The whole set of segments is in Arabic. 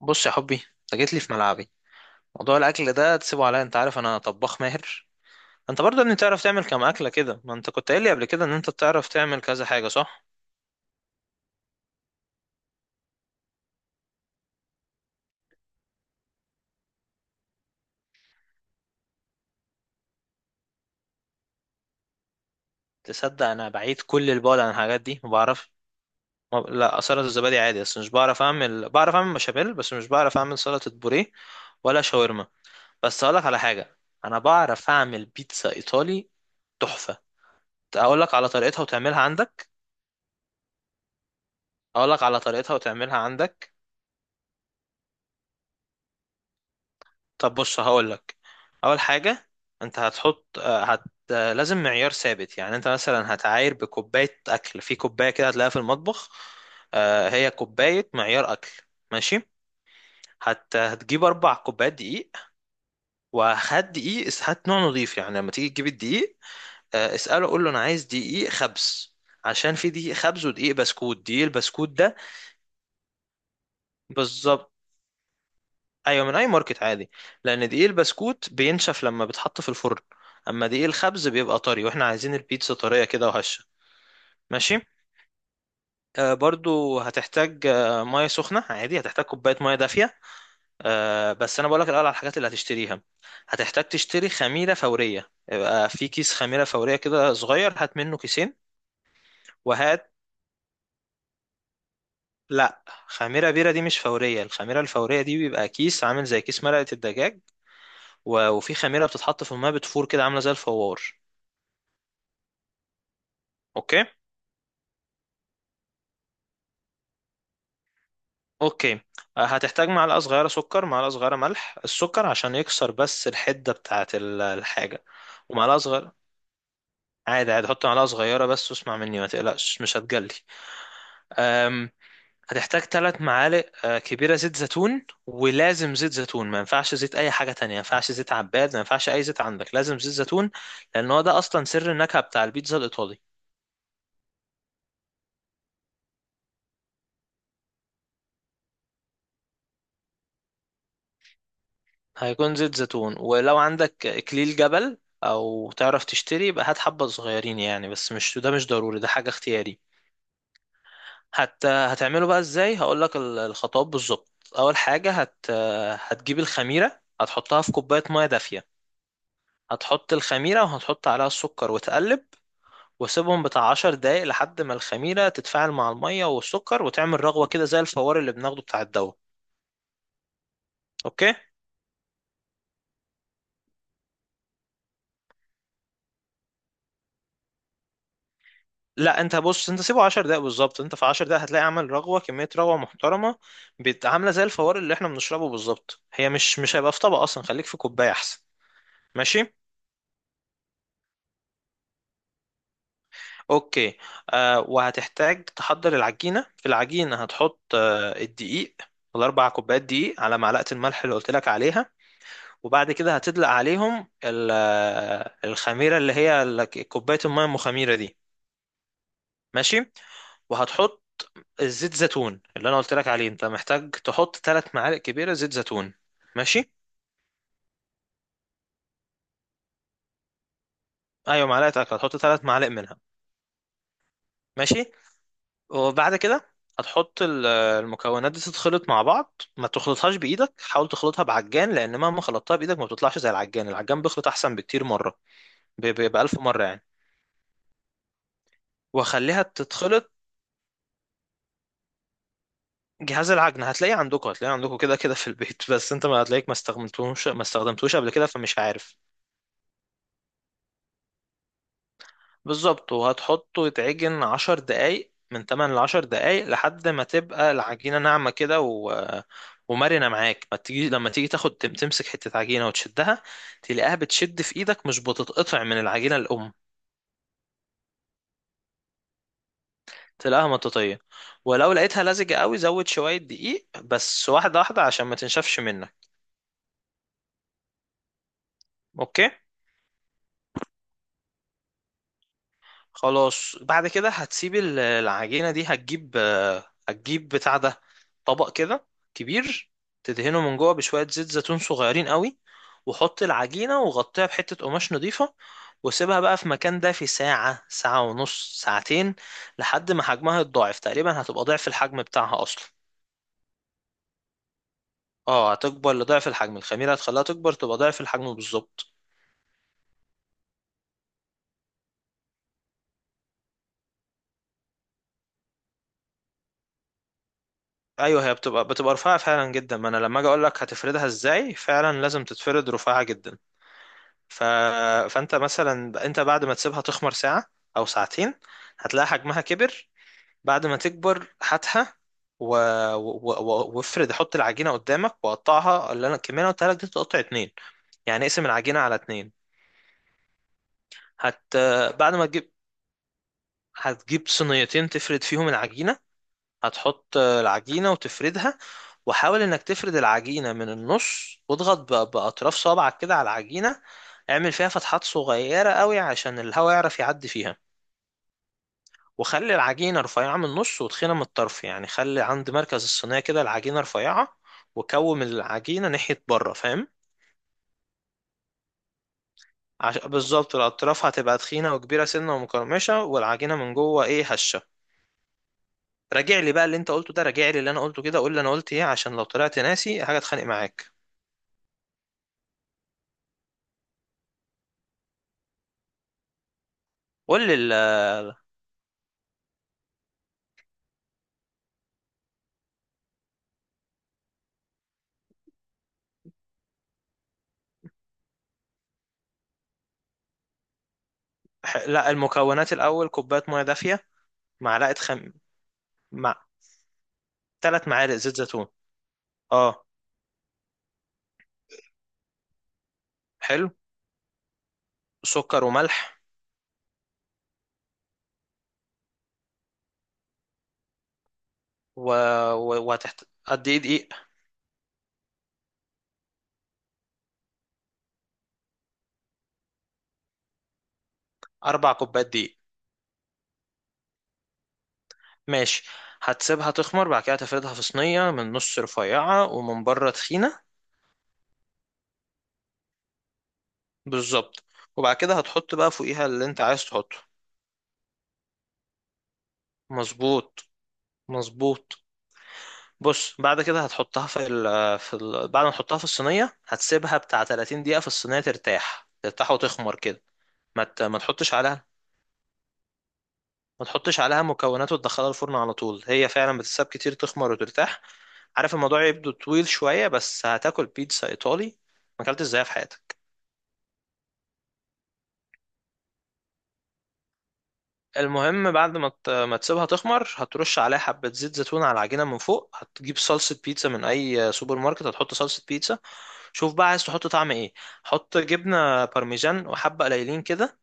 بص يا حبي، انت جيت لي في ملعبي. موضوع الاكل ده تسيبه عليا، انت عارف انا طباخ ماهر. انت برضه اني تعرف تعمل كام اكله كده، ما انت كنت قايل لي قبل كده ان انت بتعرف تعمل كذا حاجه صح؟ تصدق انا بعيد كل البعد عن الحاجات دي، ما بعرف. ما... لا، سلطه الزبادي عادي، بس مش بعرف اعمل، بعرف اعمل بشاميل بس مش بعرف اعمل سلطه بوريه ولا شاورما. بس اقول لك على حاجه، انا بعرف اعمل بيتزا ايطالي تحفه. اقول لك على طريقتها وتعملها عندك. اقول لك على طريقتها وتعملها عندك. طب بص هقول لك. اول حاجه، انت هتحط آه، هت آه، لازم معيار ثابت، يعني انت مثلا هتعاير بكوبايه اكل، في كوبايه كده هتلاقيها في المطبخ، هي كوبايه معيار اكل. ماشي. هتجيب 4 كوبايات دقيق، وهات دقيق اس- هات نوع نظيف، يعني لما تيجي تجيب الدقيق اساله قول له انا عايز دقيق خبز، عشان في دقيق خبز ودقيق بسكوت، دقيق البسكوت ده. بالظبط، ايوه من اي ماركت عادي. لان دقيق البسكوت بينشف لما بيتحط في الفرن، اما دقيق الخبز بيبقى طري، واحنا عايزين البيتزا طريه كده وهشه. ماشي. آه برضو هتحتاج آه ميه سخنه، عادي، هتحتاج كوبايه ميه دافيه. آه بس انا بقولك الاول على الحاجات اللي هتشتريها. هتحتاج تشتري خميره فوريه، يبقى في كيس خميره فوريه كده صغير، هات منه كيسين. وهات لا، خميره بيره دي مش فوريه، الخميره الفوريه دي بيبقى كيس عامل زي كيس مرقه الدجاج، و- وفي خميره بتتحط في الميه بتفور كده عامله زي الفوار. اوكي. اوكي. هتحتاج معلقه صغيره سكر، معلقه صغيره ملح. السكر عشان يكسر بس الحده بتاعه ال- الحاجه. ومعلقه صغيره، عادي عادي، حط معلقه صغيره بس واسمع مني، ما تقلقش، مش هتجلي. أم، هتحتاج 3 معالق كبيره زيت زيتون، ولازم زيت زيتون، ما ينفعش زيت اي حاجه تانية، ما ينفعش زيت عباد، ما ينفعش اي زيت عندك، لازم زيت زيتون. لان هو ده اصلا سر النكهه بتاع البيتزا الايطالي. هيكون زيت زيتون. ولو عندك اكليل جبل او تعرف تشتري، يبقى هات حبة صغيرين يعني، بس مش ده، مش ضروري، ده حاجة اختياري. حتى هتعمله بقى ازاي، هقولك ال- الخطوات بالظبط. اول حاجة هتجيب الخميرة، هتحطها في كوباية مية دافية. هتحط الخميرة وهتحط عليها السكر وتقلب، وسيبهم بتاع 10 دقايق لحد ما الخميرة تتفاعل مع المية والسكر وتعمل رغوة كده زي الفوار اللي بناخده بتاع الدواء. اوكي. لا انت بص، انت سيبه 10 دقايق بالظبط، انت في 10 دقايق هتلاقي عامل رغوه، كميه رغوه محترمه، عامله زي الفوار اللي احنا بنشربه بالظبط. هي مش، مش هيبقى في طبق اصلا، خليك في كوبايه احسن. ماشي. اوكي. آه، وهتحتاج تحضر العجينه. في العجينه هتحط آه الدقيق، ال4 كوبايات دقيق، على معلقه الملح اللي قلت لك عليها، وبعد كده هتدلق عليهم ال- آه، الخميره اللي هي كوبايه الميه المخميره دي. ماشي. وهتحط الزيت زيتون اللي انا قلت لك عليه، انت محتاج تحط 3 معالق كبيره زيت زيتون. ماشي. ايوه، معلقه اكل، هتحط 3 معالق منها. ماشي. وبعد كده هتحط ال- المكونات دي تتخلط مع بعض. ما تخلطهاش بايدك، حاول تخلطها بعجان، لان مهما خلطتها بايدك ما بتطلعش زي العجان، العجان بيخلط احسن بكتير مره، ب ب- بألف مره يعني. واخليها تتخلط. جهاز العجن هتلاقيه عندكم، هتلاقيه عندكم كده كده في البيت بس انت ما هتلاقيك، ما استخدمتوش قبل كده، فمش عارف. بالظبط، وهتحطه يتعجن 10 دقايق، من 8 لعشر دقايق لحد ما تبقى العجينة ناعمة كده و... ومرنة معاك. ما تيجي لما تيجي تمسك حتة عجينة وتشدها، تلاقيها بتشد في ايدك مش بتتقطع من العجينة الأم. تلاقيها مطاطية. ولو لقيتها لزجة قوي، زود شوية دقيق بس، واحدة واحدة، عشان ما تنشفش منك. اوكي. خلاص بعد كده هتسيب ال- العجينة دي، هتجيب هتجيب بتاع ده، طبق كده كبير، تدهنه من جوه بشوية زيت زيتون صغيرين قوي، وحط العجينة وغطيها بحتة قماش نضيفة، وسيبها بقى في مكان دافي ساعة، ساعة ونص، ساعتين، لحد ما حجمها يتضاعف تقريبا، هتبقى ضعف الحجم بتاعها أصلا. اه هتكبر لضعف الحجم، الخميرة هتخليها تكبر، تبقى ضعف الحجم بالظبط. ايوه، هي بتبقى رفيعة فعلا جدا، ما انا لما اجي اقول لك هتفردها ازاي فعلا لازم تتفرد رفيعة جدا. ف... فانت مثلا، انت بعد ما تسيبها تخمر ساعة او ساعتين، هتلاقي حجمها كبر. بعد ما تكبر هاتها و... و... و... وافرد، حط العجينة قدامك وقطعها، اللي انا الكمية اللي أنا قلتها لك دي تقطع اتنين، يعني اقسم العجينة على اتنين. هت بعد ما تجيب، هتجيب صينيتين تفرد فيهم العجينة. هتحط العجينة وتفردها، وحاول انك تفرد العجينة من النص، واضغط ب- بأطراف صابعك كده على العجينة، اعمل فيها فتحات صغيرة قوي عشان الهواء يعرف يعدي فيها. وخلي العجينة رفيعة من النص وتخينة من الطرف، يعني خلي عند مركز الصينية كده العجينة رفيعة، وكوم العجينة ناحية بره، فاهم؟ بالظبط، الأطراف هتبقى تخينة وكبيرة سنة ومقرمشة، والعجينة من جوه إيه، هشة. راجع لي بقى اللي أنت قلته ده، راجع لي اللي أنا قلته كده، قول لي أنا قلت إيه، عشان لو طلعت ناسي حاجة أتخانق معاك. قول لي لا، المكونات الأول كوباية مية دافية، معلقة خم مع 3 معالق زيت زيتون. اه حلو. سكر وملح و... قد ايه دقيق؟ 4 كوبايات دقيق. ماشي. هتسيبها تخمر، بعد كده هتفردها في صينية، من نص رفيعة ومن بره تخينة. بالظبط. وبعد كده هتحط بقى فوقيها اللي انت عايز تحطه. مظبوط. مظبوط. بص بعد كده هتحطها في ال في ال بعد ما تحطها في الصينية، هتسيبها بتاع 30 دقيقة في الصينية ترتاح، ترتاح وتخمر كده، ما ت- ما تحطش عليها ما تحطش عليها مكونات وتدخلها الفرن على طول. هي فعلا بتتساب كتير تخمر وترتاح. عارف الموضوع يبدو طويل شوية، بس هتاكل بيتزا إيطالي ما اكلتش ازاي في حياتك. المهم بعد ما تسيبها تخمر، هترش عليها حبة زيت زيتون على العجينة من فوق، هتجيب صلصة بيتزا من أي سوبر ماركت، هتحط صلصة بيتزا. شوف بقى عايز تحط طعم إيه. حط جبنة بارميجان وحبة قليلين كده،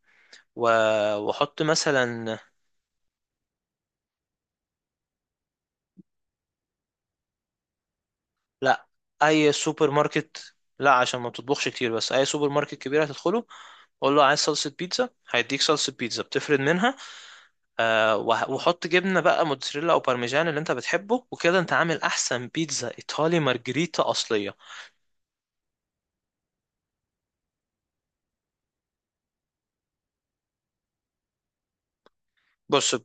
و- وحط مثلا. لأ، أي سوبر ماركت، لأ عشان ما بتطبخش كتير، بس أي سوبر ماركت كبير هتدخله، قول له عايز صلصة بيتزا، هيديك صلصة بيتزا بتفرد منها. آه، وه- وحط جبنة بقى موتزاريلا أو بارميجان اللي أنت بتحبه، وكده أنت عامل أحسن بيتزا إيطالي مارجريتا أصلية. بص الب...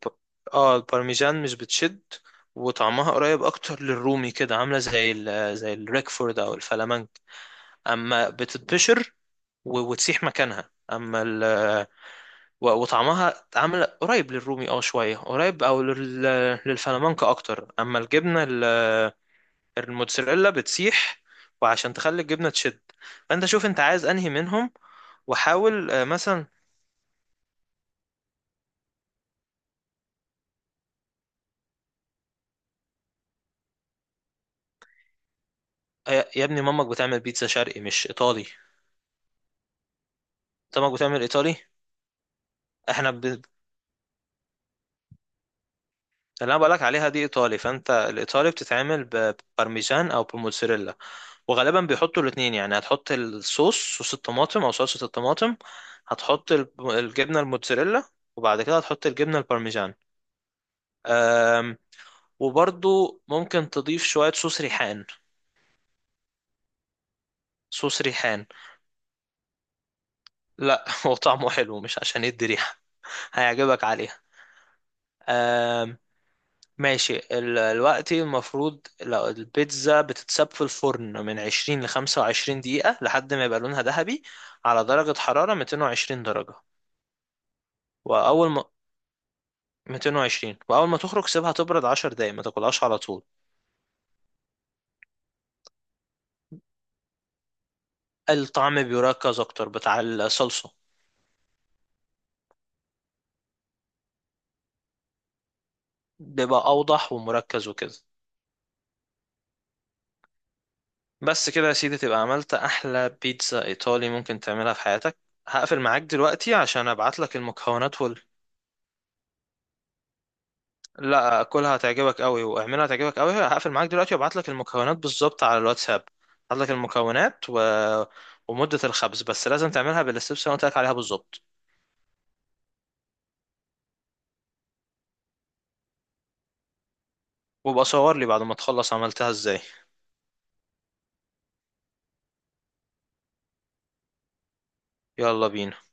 اه، البارميزان مش بتشد، وطعمها قريب اكتر للرومي كده، عامله زي الريكفورد او الفلامنك. اما بتتبشر و... وتسيح مكانها. اما ال... و... وطعمها عامله قريب للرومي، اه شويه قريب، او لل... للفلامنك اكتر. اما الجبنه ال... الموتزاريلا بتسيح. وعشان تخلي الجبنه تشد، فانت شوف انت عايز انهي منهم. وحاول مثلا يا ابني، مامك بتعمل بيتزا شرقي مش ايطالي. انت مامك بتعمل ايطالي؟ احنا ب- اللي انا بقولك عليها دي ايطالي، فانت الايطالي بتتعمل ببارميجان او بموتزاريلا، وغالبا بيحطوا الاتنين. يعني هتحط الصوص، صوص الطماطم او صلصة الطماطم، هتحط الب- الجبنة الموتزاريلا، وبعد كده هتحط الجبنة البارميجان. أم، وبرضو ممكن تضيف شوية صوص ريحان. صوص ريحان. لا هو طعمه حلو، مش عشان يدي ريحة. هيعجبك عليها. آمم، ماشي. ال- الوقت المفروض لو البيتزا بتتساب في الفرن من 20 ل 25 دقيقة لحد ما يبقى لونها ذهبي، على درجة حرارة 220 درجة. وأول ما 220، وأول ما تخرج سيبها تبرد 10 دقايق، ما تاكلهاش على طول. الطعم بيركز أكتر بتاع الصلصة، بيبقى أوضح ومركز وكده. بس كده يا سيدي تبقى عملت أحلى بيتزا إيطالي ممكن تعملها في حياتك. هقفل معاك دلوقتي عشان أبعتلك المكونات. لا، كلها هتعجبك قوي، واعملها هتعجبك قوي. هقفل معاك دلوقتي وابعت لك المكونات بالظبط على الواتساب. هبعت لك المكونات ومدة الخبز، بس لازم تعملها بالستبس اللي أنا قلت لك عليها بالظبط. وابقى صور لي بعد ما تخلص عملتها ازاي. يلا بينا.